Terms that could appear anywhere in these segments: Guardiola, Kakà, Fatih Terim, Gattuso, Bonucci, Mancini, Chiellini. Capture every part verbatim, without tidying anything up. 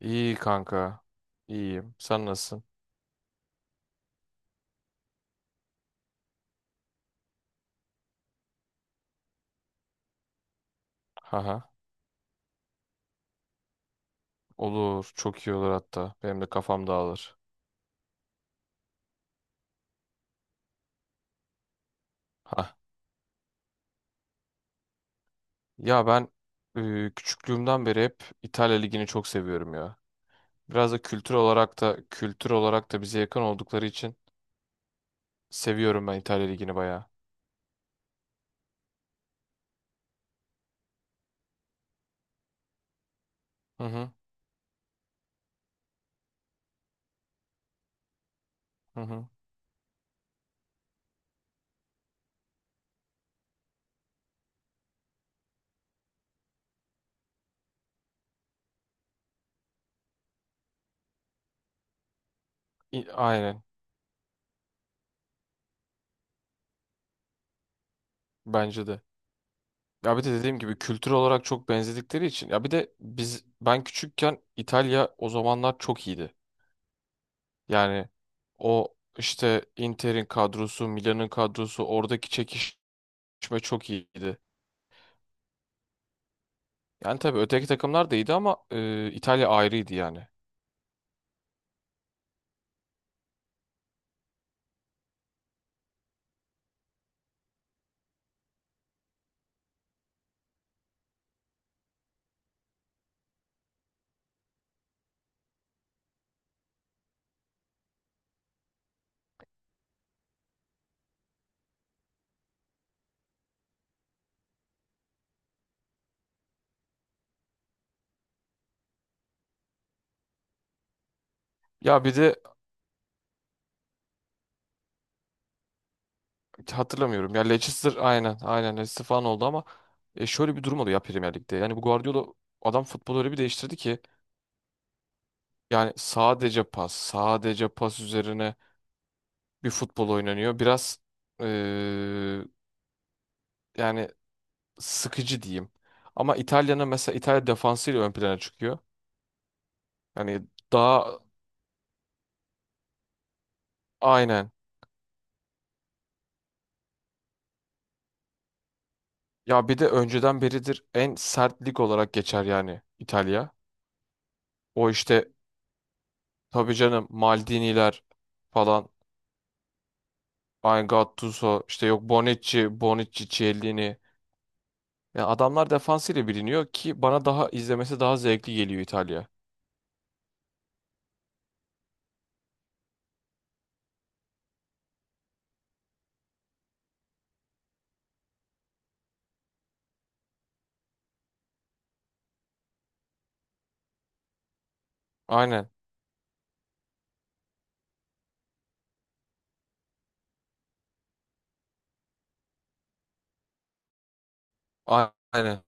İyi kanka. İyiyim. Sen nasılsın? Haha. Olur. Çok iyi olur hatta. Benim de kafam dağılır. Ha. Ya ben e, küçüklüğümden beri hep İtalya Ligi'ni çok seviyorum ya. Biraz da kültür olarak da kültür olarak da bize yakın oldukları için seviyorum ben İtalya Ligi'ni bayağı. Hı hı. Hı hı. İ- aynen. Bence de. Ya bir de dediğim gibi kültür olarak çok benzedikleri için. Ya bir de biz ben küçükken İtalya o zamanlar çok iyiydi. Yani o işte Inter'in kadrosu, Milan'ın kadrosu oradaki çekişme çok iyiydi. Yani tabii öteki takımlar da iyiydi ama e, İtalya ayrıydı yani. Ya bir de hatırlamıyorum. Ya Leicester aynen, aynen Leicester falan oldu ama e, şöyle bir durum oldu ya Premier Lig'de. Yani bu Guardiola adam futbolu öyle bir değiştirdi ki yani sadece pas, sadece pas üzerine bir futbol oynanıyor. Biraz e, yani sıkıcı diyeyim. Ama İtalya'nın, mesela İtalya defansıyla ön plana çıkıyor. Yani daha aynen. Ya bir de önceden beridir en sert lig olarak geçer yani İtalya. O işte tabii canım Maldini'ler falan. Ay, Gattuso işte, yok Bonucci, Bonucci, Chiellini. Ya adamlar defansıyla biliniyor ki bana daha izlemesi daha zevkli geliyor İtalya. Aynen. a- Aynen.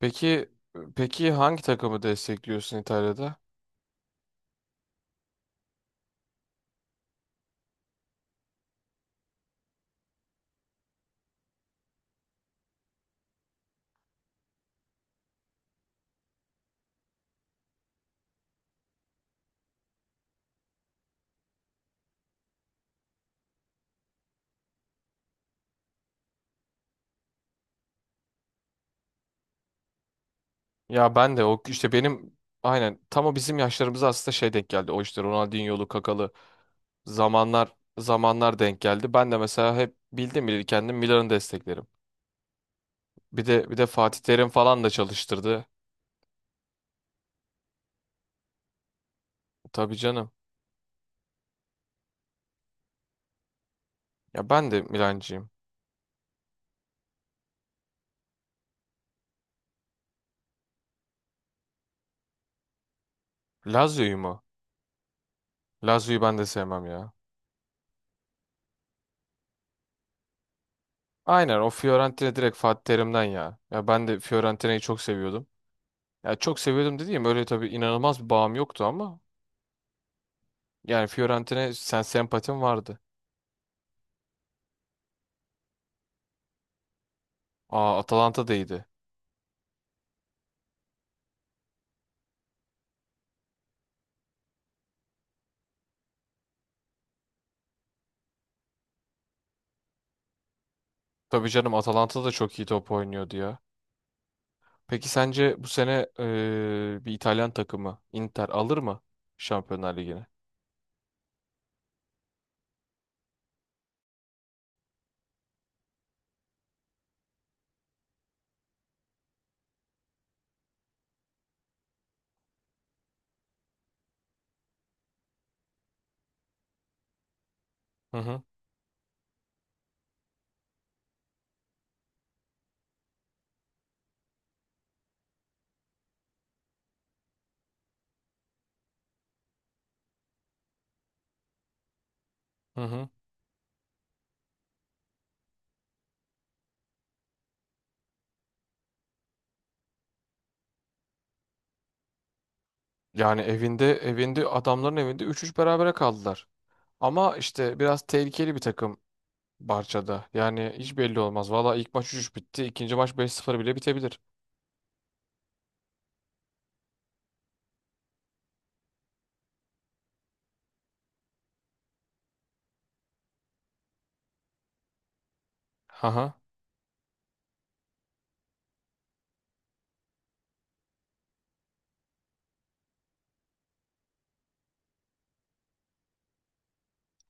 Peki peki hangi takımı destekliyorsun İtalya'da? Ya ben de o işte benim aynen tam o bizim yaşlarımıza aslında şey denk geldi. O işte Ronaldinho'lu, Kakalı zamanlar zamanlar denk geldi. Ben de mesela hep bildim bileli kendim Milan'ı desteklerim. Bir de bir de Fatih Terim falan da çalıştırdı. Tabii canım. Ya ben de Milancıyım. Lazio'yu mu? Lazio'yu ben de sevmem ya. Aynen, o Fiorentina direkt Fatih Terim'den ya. Ya ben de Fiorentina'yı çok seviyordum. Ya çok seviyordum dediğim, öyle tabii inanılmaz bir bağım yoktu ama yani Fiorentina sen sempatim vardı. Aa, Atalanta da iyiydi. Tabii canım, Atalanta da çok iyi top oynuyordu ya. Peki sence bu sene eee, bir İtalyan takımı, Inter alır mı Şampiyonlar Ligi'ne? Hı hı. Hı hı. Yani evinde, evinde adamların evinde üç üç berabere kaldılar. Ama işte biraz tehlikeli bir takım Barça'da. Yani hiç belli olmaz. Valla ilk maç üç 3 bitti. İkinci maç beş sıfır bile bitebilir. Haha.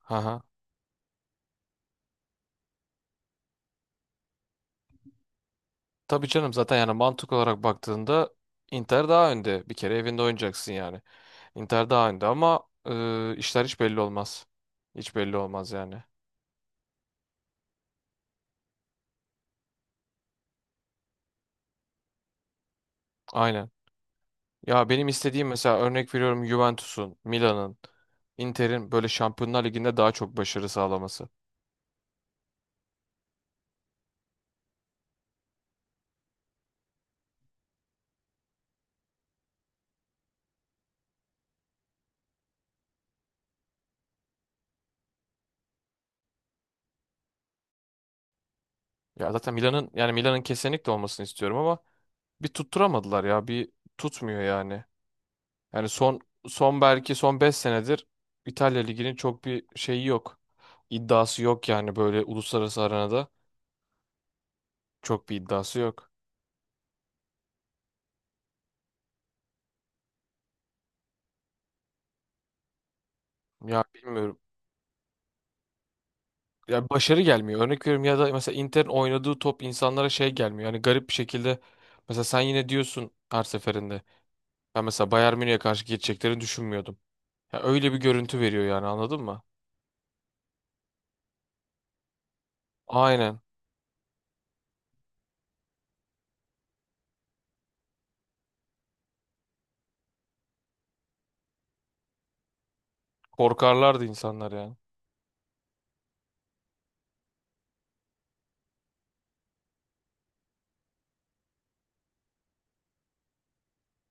Haha. Tabii canım, zaten yani mantık olarak baktığında Inter daha önde. Bir kere evinde oynayacaksın yani. Inter daha önde ama e, işler hiç belli olmaz. Hiç belli olmaz yani. Aynen. Ya benim istediğim, mesela örnek veriyorum, Juventus'un, Milan'ın, Inter'in böyle Şampiyonlar Ligi'nde daha çok başarı sağlaması. Ya zaten Milan'ın, yani Milan'ın kesinlikle olmasını istiyorum ama bir tutturamadılar ya. Bir tutmuyor yani. Yani son, son belki son beş senedir İtalya Ligi'nin çok bir şeyi yok. İddiası yok yani, böyle uluslararası arenada. Çok bir iddiası yok. Ya bilmiyorum. Ya başarı gelmiyor. Örnek veriyorum, ya da mesela Inter'in oynadığı top insanlara şey gelmiyor. Yani garip bir şekilde mesela sen yine diyorsun her seferinde. Ben mesela Bayern Münih'e karşı geçeceklerini düşünmüyordum. Ya öyle bir görüntü veriyor yani, anladın mı? Aynen. Korkarlardı insanlar yani.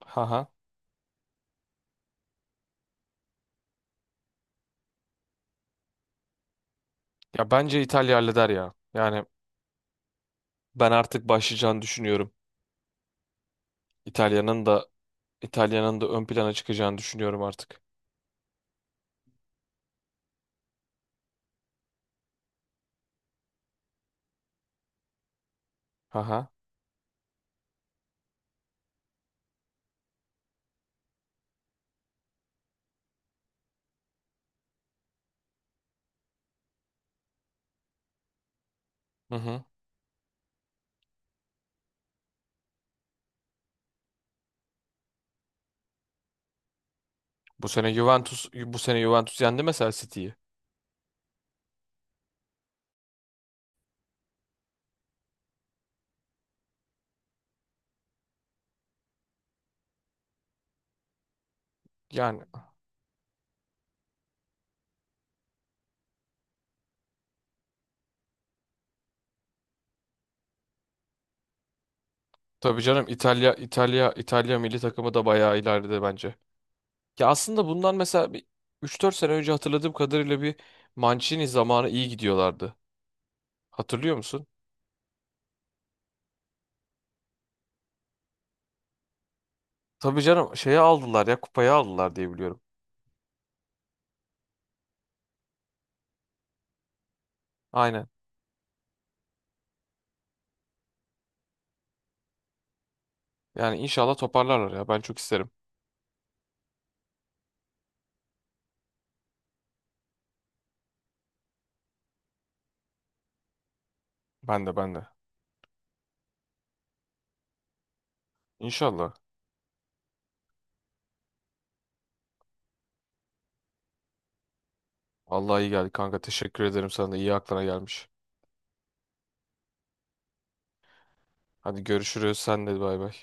Haha. Ya bence İtalya halleder ya. Yani ben artık başlayacağını düşünüyorum. İtalya'nın da İtalya'nın da ön plana çıkacağını düşünüyorum artık. Aha. Hı hı. Bu sene Juventus bu sene Juventus yendi mesela City'yi. Yani tabii canım, İtalya İtalya İtalya milli takımı da bayağı ileride bence. Ya aslında bundan mesela bir üç dört sene önce, hatırladığım kadarıyla bir Mancini zamanı iyi gidiyorlardı. Hatırlıyor musun? Tabii canım, şeye aldılar ya, kupayı aldılar diye biliyorum. Aynen. Yani inşallah toparlarlar ya, ben çok isterim. Ben de, ben de. İnşallah. Allah, iyi geldi kanka, teşekkür ederim sana da, iyi aklına gelmiş. Hadi görüşürüz. Sen de bay bay.